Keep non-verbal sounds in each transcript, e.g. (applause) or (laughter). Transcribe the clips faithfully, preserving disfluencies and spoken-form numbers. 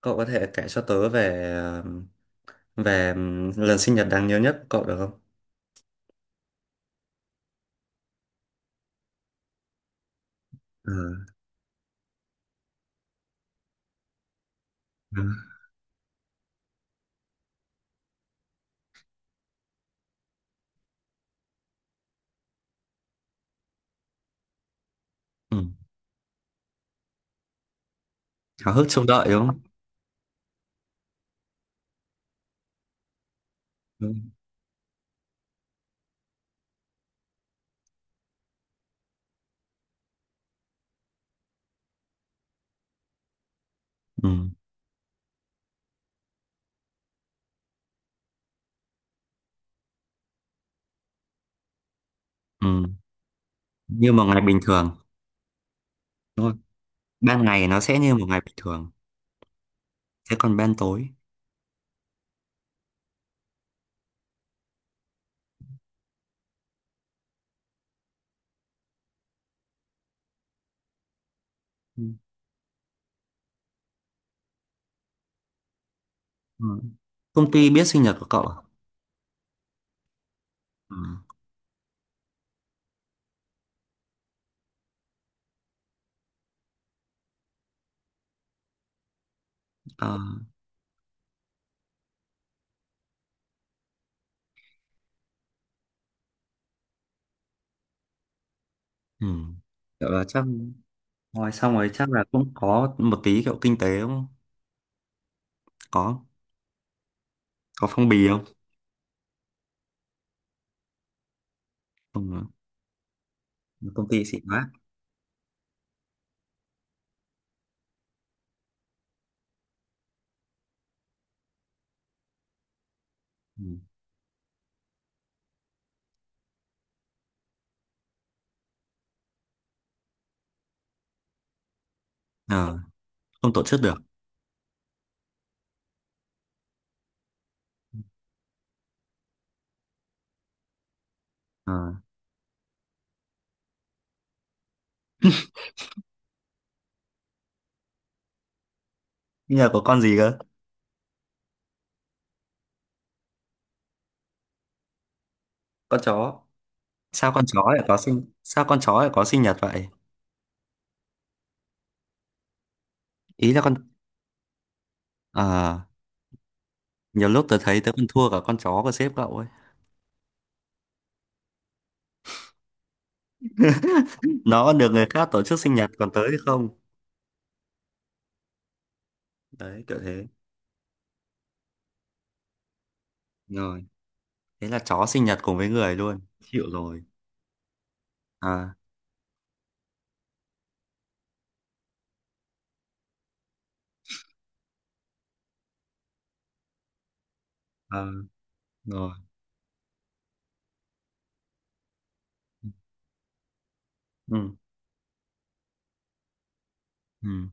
Cậu có thể kể cho tớ về về lần sinh nhật đáng nhớ nhất của cậu được không? Ờ, ờ, ừ. Háo hức trông đợi đúng không? Ừ. Ừ. Ừ. Như một ngày bình thường. Đúng không? Ban ngày nó sẽ như một ngày bình thường. Thế còn ban tối. Ừ. Ừ. Công ty biết sinh nhật của cậu à? Ừ. Ờ, ừ. Kiểu là chắc ngoài xong rồi chắc là cũng có một tí kiểu kinh tế đúng không? Có có phong bì không? Không, à. Công ty xịn quá. Ừ. Ờ, không tổ chức được. Ờ. Sinh nhật của con gì cơ? Con chó sao con chó lại có sinh sao con chó lại có sinh nhật vậy? Ý là con. À, nhiều lúc tớ thấy tớ còn thua cả con chó của sếp cậu ấy, nó được người khác tổ chức sinh nhật còn tớ thì không. Đấy kiểu thế. Rồi, thế là chó sinh nhật cùng với người luôn chịu rồi. À, à. Rồi. Ừ. Ừ.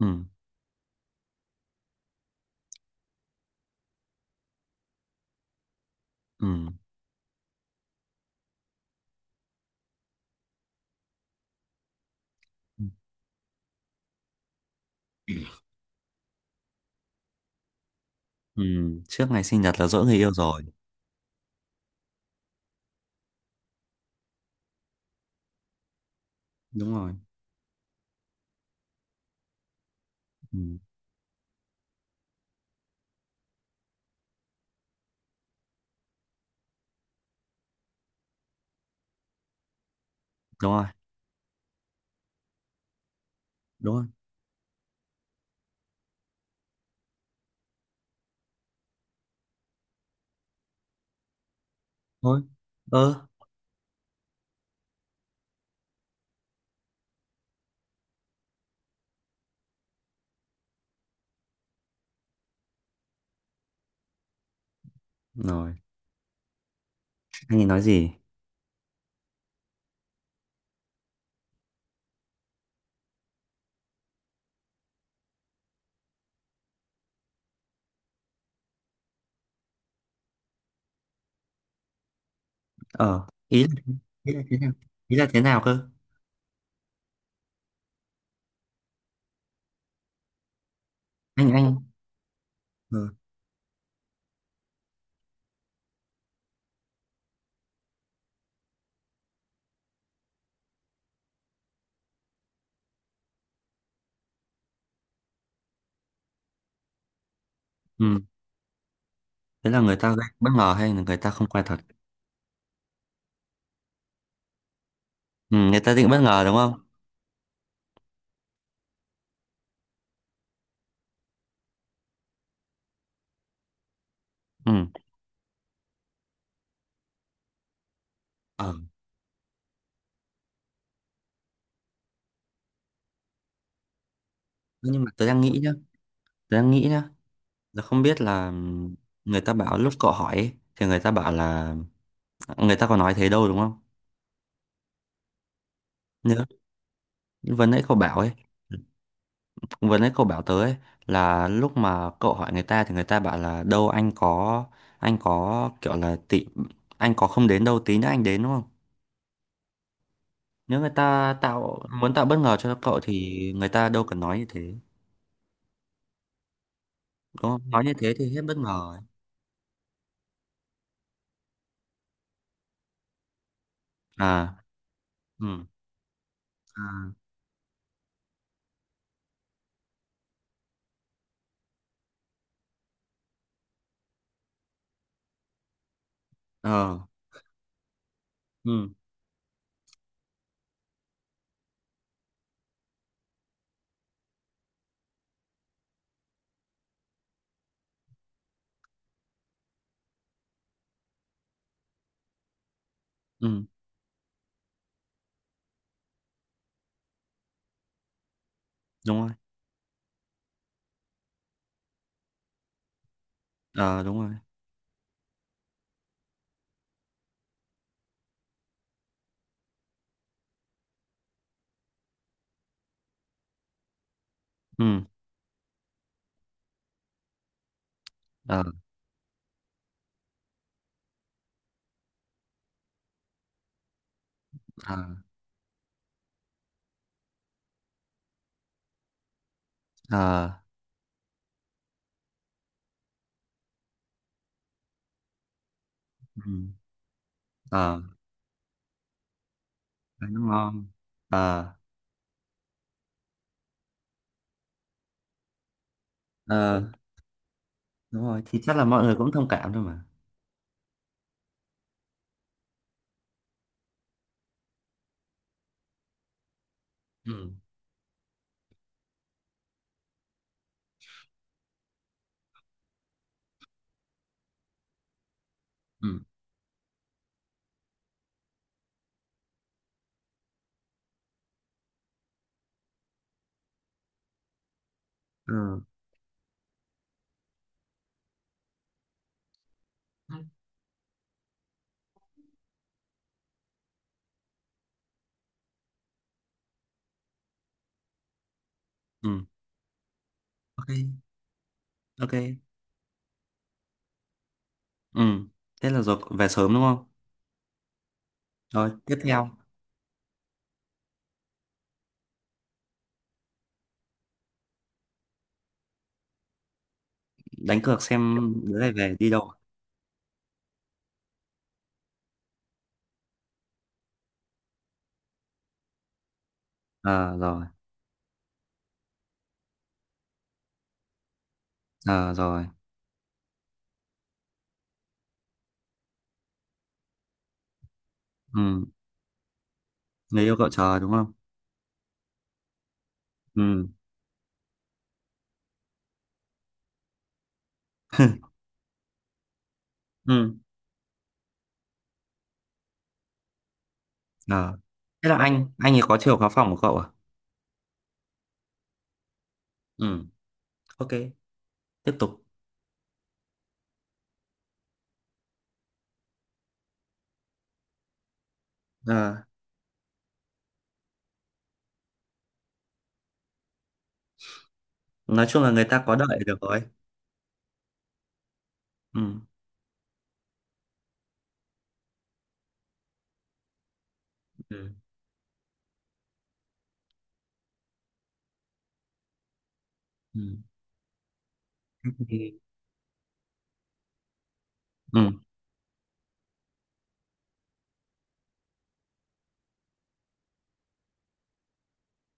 Ừ. Ừ. Ừ. Ừ. Trước ngày sinh nhật là dỗ người yêu rồi. Đúng rồi. Ừ. Đúng rồi. Đúng rồi. Thôi. Ơ. Rồi, anh ấy nói gì? Ờ, ý là. Ý là thế nào? Ý là thế nào cơ? Anh anh. Ừ. Ừ. Thế là người ta gây bất ngờ hay là người ta không quay thật? Ừ, người ta định bất ngờ đúng không? Ừ. Ờ. Nhưng mà tớ đang nghĩ nhá, tớ đang nghĩ nhá tớ không biết là ừm, người ta bảo lúc cậu hỏi ấy, thì người ta bảo là người ta có nói thế đâu đúng không? Nhớ vừa nãy cậu bảo ấy, vừa nãy cậu bảo tớ ấy, là lúc mà cậu hỏi người ta thì người ta bảo là đâu anh có, anh có kiểu là tị, anh có không đến đâu tí nữa anh đến đúng không? Nếu người ta tạo muốn tạo bất ngờ cho cậu thì người ta đâu cần nói như thế. Đúng không? Nói như thế thì hết bất ngờ rồi. À, ừ, à, ờ, ừ, ừ, đúng rồi, ờ, đúng rồi, ừ, ờ, ờ, ờ, ừ, ờ, cái nó ngon, ờ, ờ, đúng rồi, thì chắc là mọi người cũng thông cảm thôi mà. Ừ, ừ, ừ, ừ, ok, ok, ừ, thế là rồi về sớm đúng không? Rồi, tiếp theo, đánh cược xem đứa này về đi đâu. Ờ, rồi, ờ, rồi, ừ, người yêu cậu chờ đúng không? Ừ, (laughs) ừ. Ờ. Thế là anh, anh ấy có chiều khóa phòng của cậu à? Ừ, ok, tiếp tục. Ờ, nói chung là người ta có đợi được rồi. Ừ, ừ, ừ. Thì- ừ,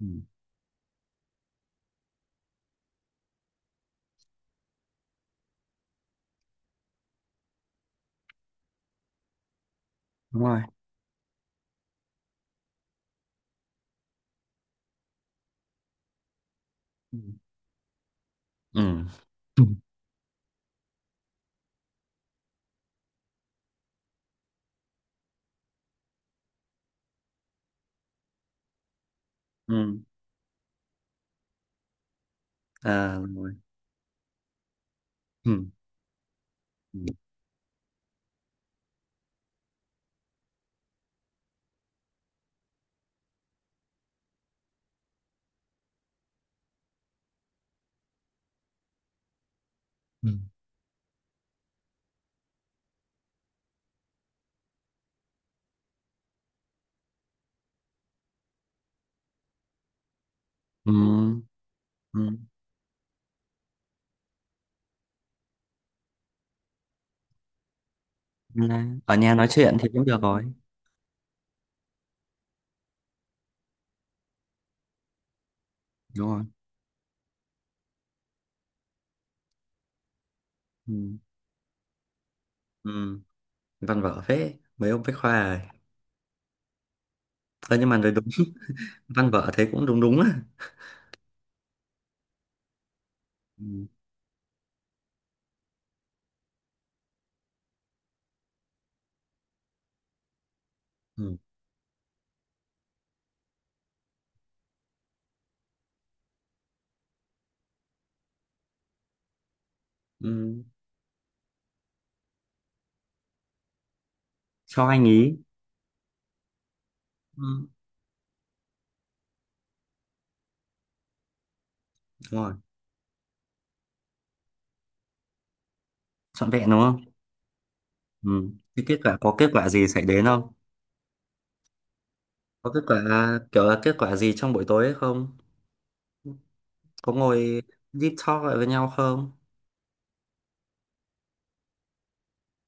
ừ, đúng rồi. Ừ, ừ, ừ. Ừ. À, đúng rồi. Ừ, ừ, ừ. Ừ. Ừ. Là ở nhà nói chuyện thì cũng được rồi. Đúng rồi. Ừ, ừ. Văn vở phết, mấy ông bách khoa rồi. Ờ, nhưng mà nói đúng, (laughs) văn vở thấy cũng đúng đúng à. Ừ, ừ, ừ. Cho anh ý. Ừ, đúng rồi. Trọn vẹn đúng không? Ừ. Cái kết quả có kết quả gì xảy đến không? Có kết quả? Kiểu là kết quả gì trong buổi tối ấy không, có ngồi deep talk lại với nhau không?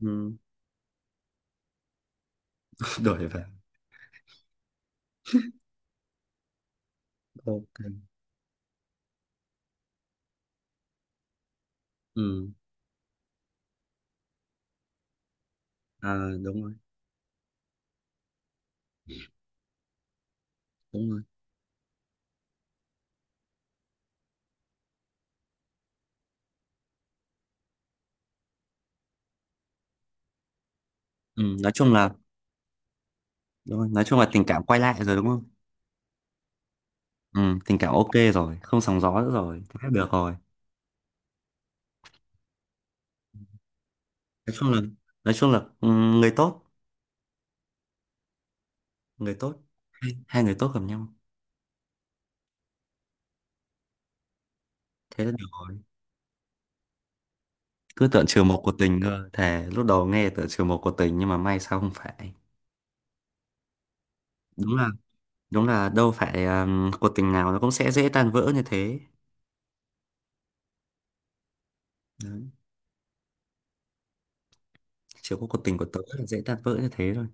Ừ. (laughs) Đổi về. Ok. Ừ. À, đúng rồi. Đúng rồi. Ừ. Nói chung là đúng rồi. Nói chung là Tình cảm quay lại rồi đúng không? Ừ. Tình cảm ok rồi, không sóng gió nữa rồi, thế được rồi. Nói chung là nói chung là ừ, người tốt, người tốt hai, hai người tốt gặp nhau, thế là được rồi. Cứ tưởng trừ một của tình cơ, thề lúc đầu nghe tưởng trừ một của tình nhưng mà may sao không phải. đúng là đúng là đâu phải um, cuộc tình nào nó cũng sẽ dễ tan vỡ như thế. Đấy. Chỉ có cuộc tình của tớ là dễ tan vỡ như thế thôi.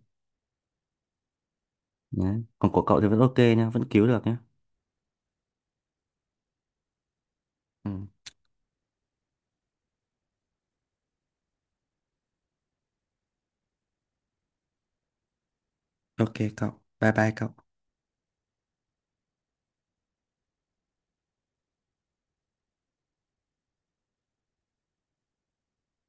Đấy. Còn của cậu thì vẫn ok nha, vẫn cứu được nhá. Ừ. Ok cậu. Bye bye cậu.